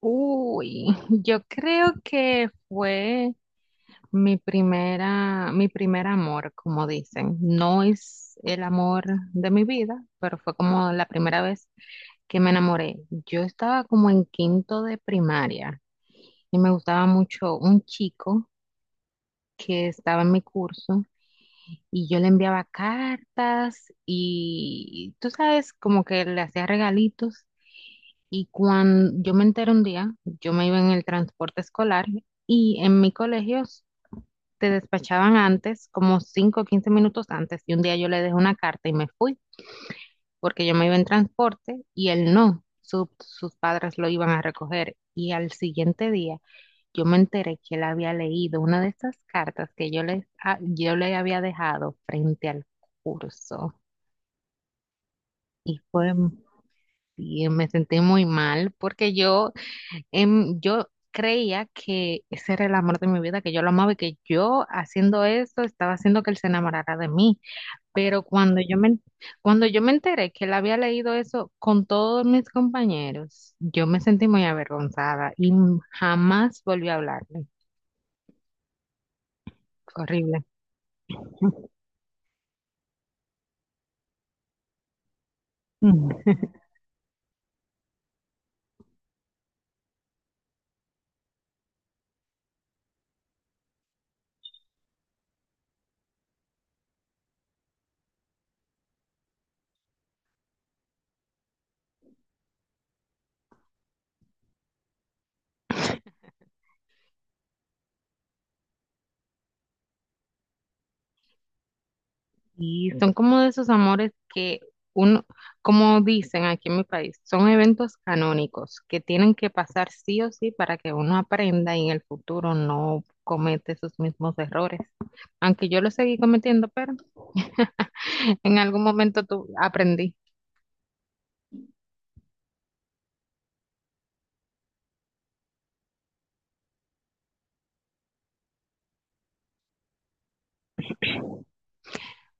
Uy, yo creo que fue mi primer amor, como dicen. No es el amor de mi vida, pero fue como la primera vez que me enamoré. Yo estaba como en quinto de primaria y me gustaba mucho un chico que estaba en mi curso y yo le enviaba cartas y tú sabes, como que le hacía regalitos. Y cuando yo me enteré un día, yo me iba en el transporte escolar y en mi colegio te despachaban antes, como 5 o 15 minutos antes. Y un día yo le dejé una carta y me fui porque yo me iba en transporte y él no, sus padres lo iban a recoger. Y al siguiente día yo me enteré que él había leído una de esas cartas que yo le había dejado frente al curso. Y fue, y me sentí muy mal porque yo creía que ese era el amor de mi vida, que yo lo amaba y que yo haciendo eso estaba haciendo que él se enamorara de mí. Pero cuando yo me enteré que él había leído eso con todos mis compañeros, yo me sentí muy avergonzada y jamás volví a hablarle. Horrible. Y son como de esos amores que uno, como dicen aquí en mi país, son eventos canónicos que tienen que pasar sí o sí para que uno aprenda y en el futuro no comete esos mismos errores. Aunque yo lo seguí cometiendo, pero en algún momento aprendí.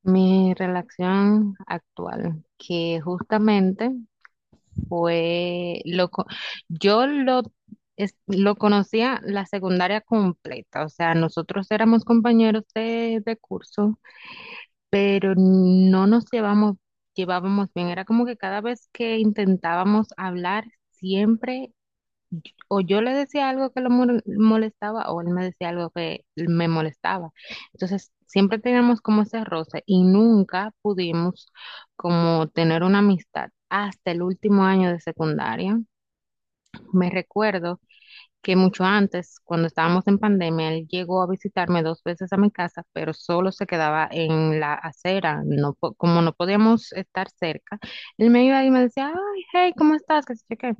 Mi relación actual, que justamente fue lo co- yo lo es- lo conocía la secundaria completa, o sea, nosotros éramos compañeros de curso, pero no nos llevamos llevábamos bien, era como que cada vez que intentábamos hablar siempre o yo le decía algo que lo molestaba o él me decía algo que me molestaba. Entonces, siempre teníamos como ese roce y nunca pudimos como tener una amistad hasta el último año de secundaria. Me recuerdo que mucho antes, cuando estábamos en pandemia, él llegó a visitarme dos veces a mi casa, pero solo se quedaba en la acera, no, como no podíamos estar cerca. Él me iba y me decía, ay, hey, ¿cómo estás? ¿Qué sé yo qué?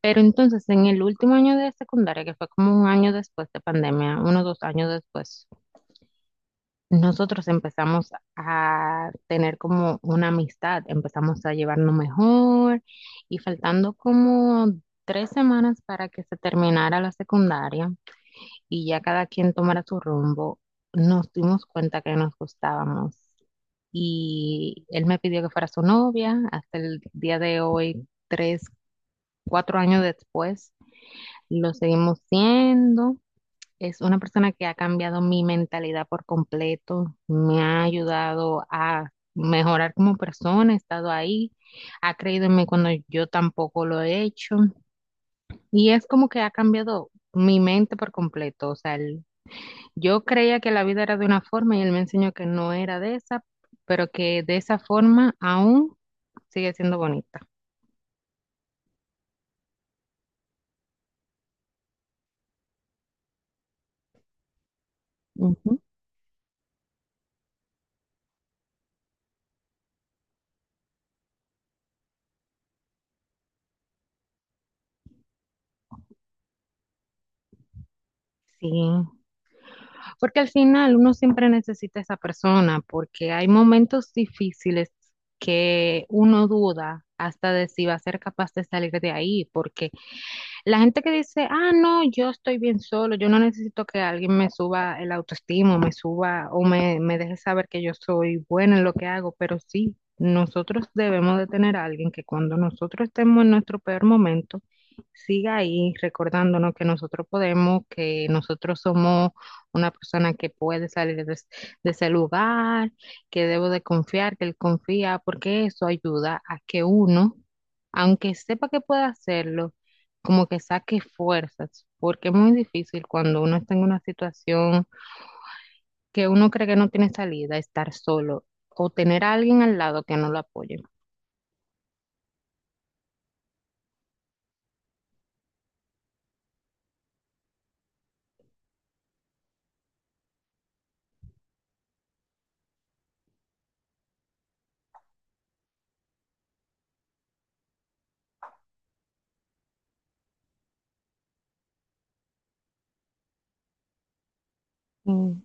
Pero entonces en el último año de secundaria, que fue como un año después de pandemia, unos dos años después, nosotros empezamos a tener como una amistad, empezamos a llevarnos mejor y faltando como tres semanas para que se terminara la secundaria y ya cada quien tomara su rumbo, nos dimos cuenta que nos gustábamos y él me pidió que fuera su novia. Hasta el día de hoy, cuatro años después lo seguimos siendo. Es una persona que ha cambiado mi mentalidad por completo, me ha ayudado a mejorar como persona, ha estado ahí, ha creído en mí cuando yo tampoco lo he hecho y es como que ha cambiado mi mente por completo. O sea, él yo creía que la vida era de una forma y él me enseñó que no era de esa, pero que de esa forma aún sigue siendo bonita. Ujú. Sí. Porque al final uno siempre necesita a esa persona, porque hay momentos difíciles que uno duda hasta de si va a ser capaz de salir de ahí, porque la gente que dice, ah, no, yo estoy bien solo, yo no necesito que alguien me suba el autoestima, me suba me deje saber que yo soy buena en lo que hago, pero sí, nosotros debemos de tener a alguien que cuando nosotros estemos en nuestro peor momento, siga ahí recordándonos que nosotros podemos, que nosotros somos una persona que puede de ese lugar, que debo de confiar, que él confía, porque eso ayuda a que uno, aunque sepa que puede hacerlo, como que saque fuerzas, porque es muy difícil cuando uno está en una situación que uno cree que no tiene salida, estar solo o tener a alguien al lado que no lo apoye. Mm,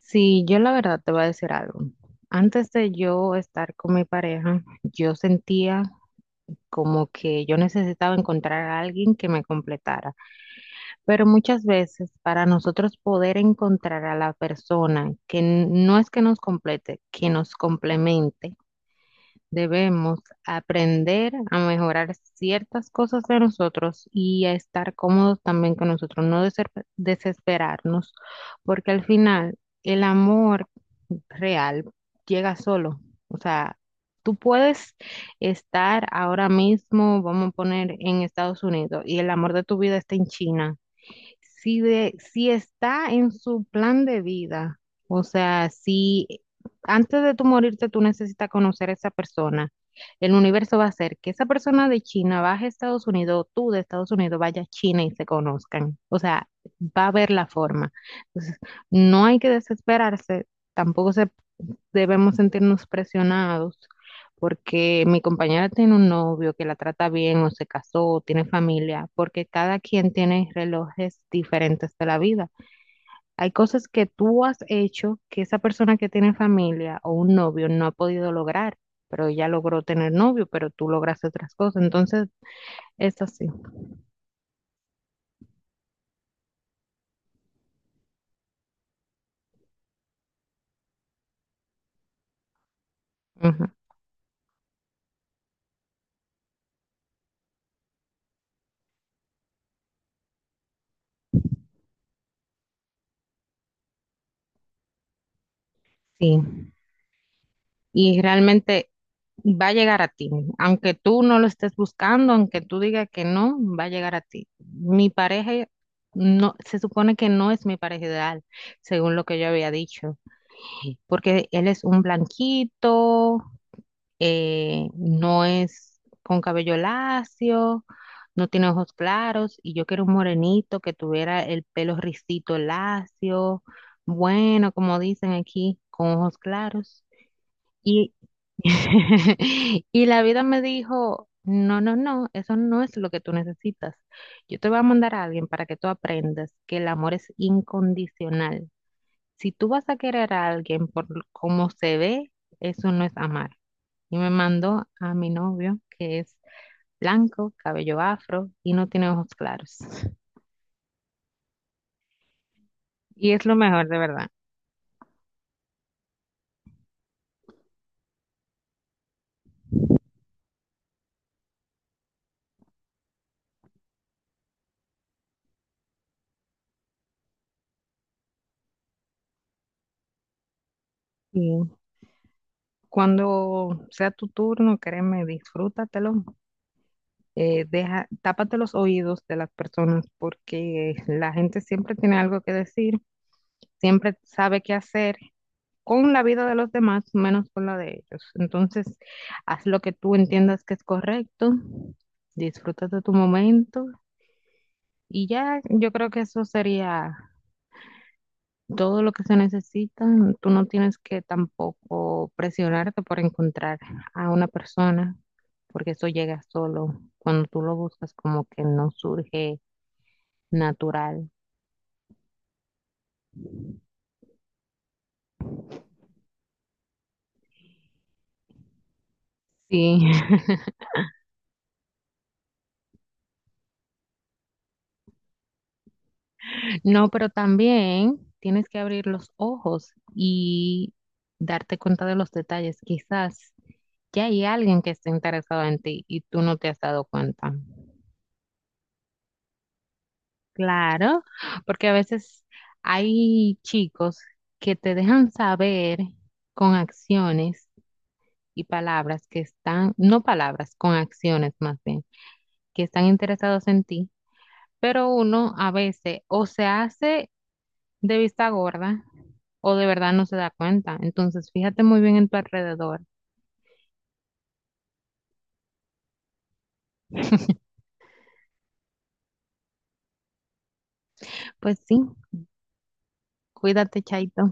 Sí, yo la verdad te voy a decir algo. Antes de yo estar con mi pareja, yo sentía como que yo necesitaba encontrar a alguien que me completara. Pero muchas veces para nosotros poder encontrar a la persona no es que nos complete, que nos complemente, debemos aprender a mejorar ciertas cosas de nosotros y a estar cómodos también con nosotros, no desesperarnos, porque al final el amor real llega solo. O sea, tú puedes estar ahora mismo, vamos a poner en Estados Unidos, y el amor de tu vida está en China. Si está en su plan de vida, o sea, si antes de tú morirte tú necesitas conocer a esa persona, el universo va a hacer que esa persona de China baje a Estados Unidos, o tú de Estados Unidos vaya a China y se conozcan. O sea, va a haber la forma. Entonces, no hay que desesperarse, tampoco se debemos sentirnos presionados porque mi compañera tiene un novio que la trata bien o se casó o tiene familia, porque cada quien tiene relojes diferentes de la vida. Hay cosas que tú has hecho que esa persona que tiene familia o un novio no ha podido lograr, pero ella logró tener novio, pero tú lograste otras cosas. Entonces, es así. Ujú. Sí. Y realmente va a llegar a ti, aunque tú no lo estés buscando, aunque tú digas que no, va a llegar a ti. Mi pareja no, se supone que no es mi pareja ideal, según lo que yo había dicho, porque él es un blanquito, no es con cabello lacio, no tiene ojos claros, y yo quiero un morenito que tuviera el pelo ricito lacio, bueno, como dicen aquí, con ojos claros. Y, y la vida me dijo, no, no, no, eso no es lo que tú necesitas. Yo te voy a mandar a alguien para que tú aprendas que el amor es incondicional. Si tú vas a querer a alguien por cómo se ve, eso no es amar. Y me mandó a mi novio, que es blanco, cabello afro y no tiene ojos claros. Y es lo mejor, de verdad. Y cuando sea tu turno, créeme, disfrútatelo, tápate los oídos de las personas porque la gente siempre tiene algo que decir, siempre sabe qué hacer con la vida de los demás, menos con la de ellos. Entonces, haz lo que tú entiendas que es correcto, disfruta de tu momento y ya yo creo que eso sería todo lo que se necesita. Tú no tienes que tampoco presionarte por encontrar a una persona, porque eso llega solo. Cuando tú lo buscas, como que no surge natural. Sí. No, pero también tienes que abrir los ojos y darte cuenta de los detalles. Quizás ya hay alguien que esté interesado en ti y tú no te has dado cuenta. Claro, porque a veces hay chicos que te dejan saber con acciones y palabras que están, no palabras, con acciones más bien, que están interesados en ti, pero uno a veces o se hace de vista gorda o de verdad no se da cuenta. Entonces, fíjate muy bien en tu alrededor. Pues sí, cuídate, Chaito.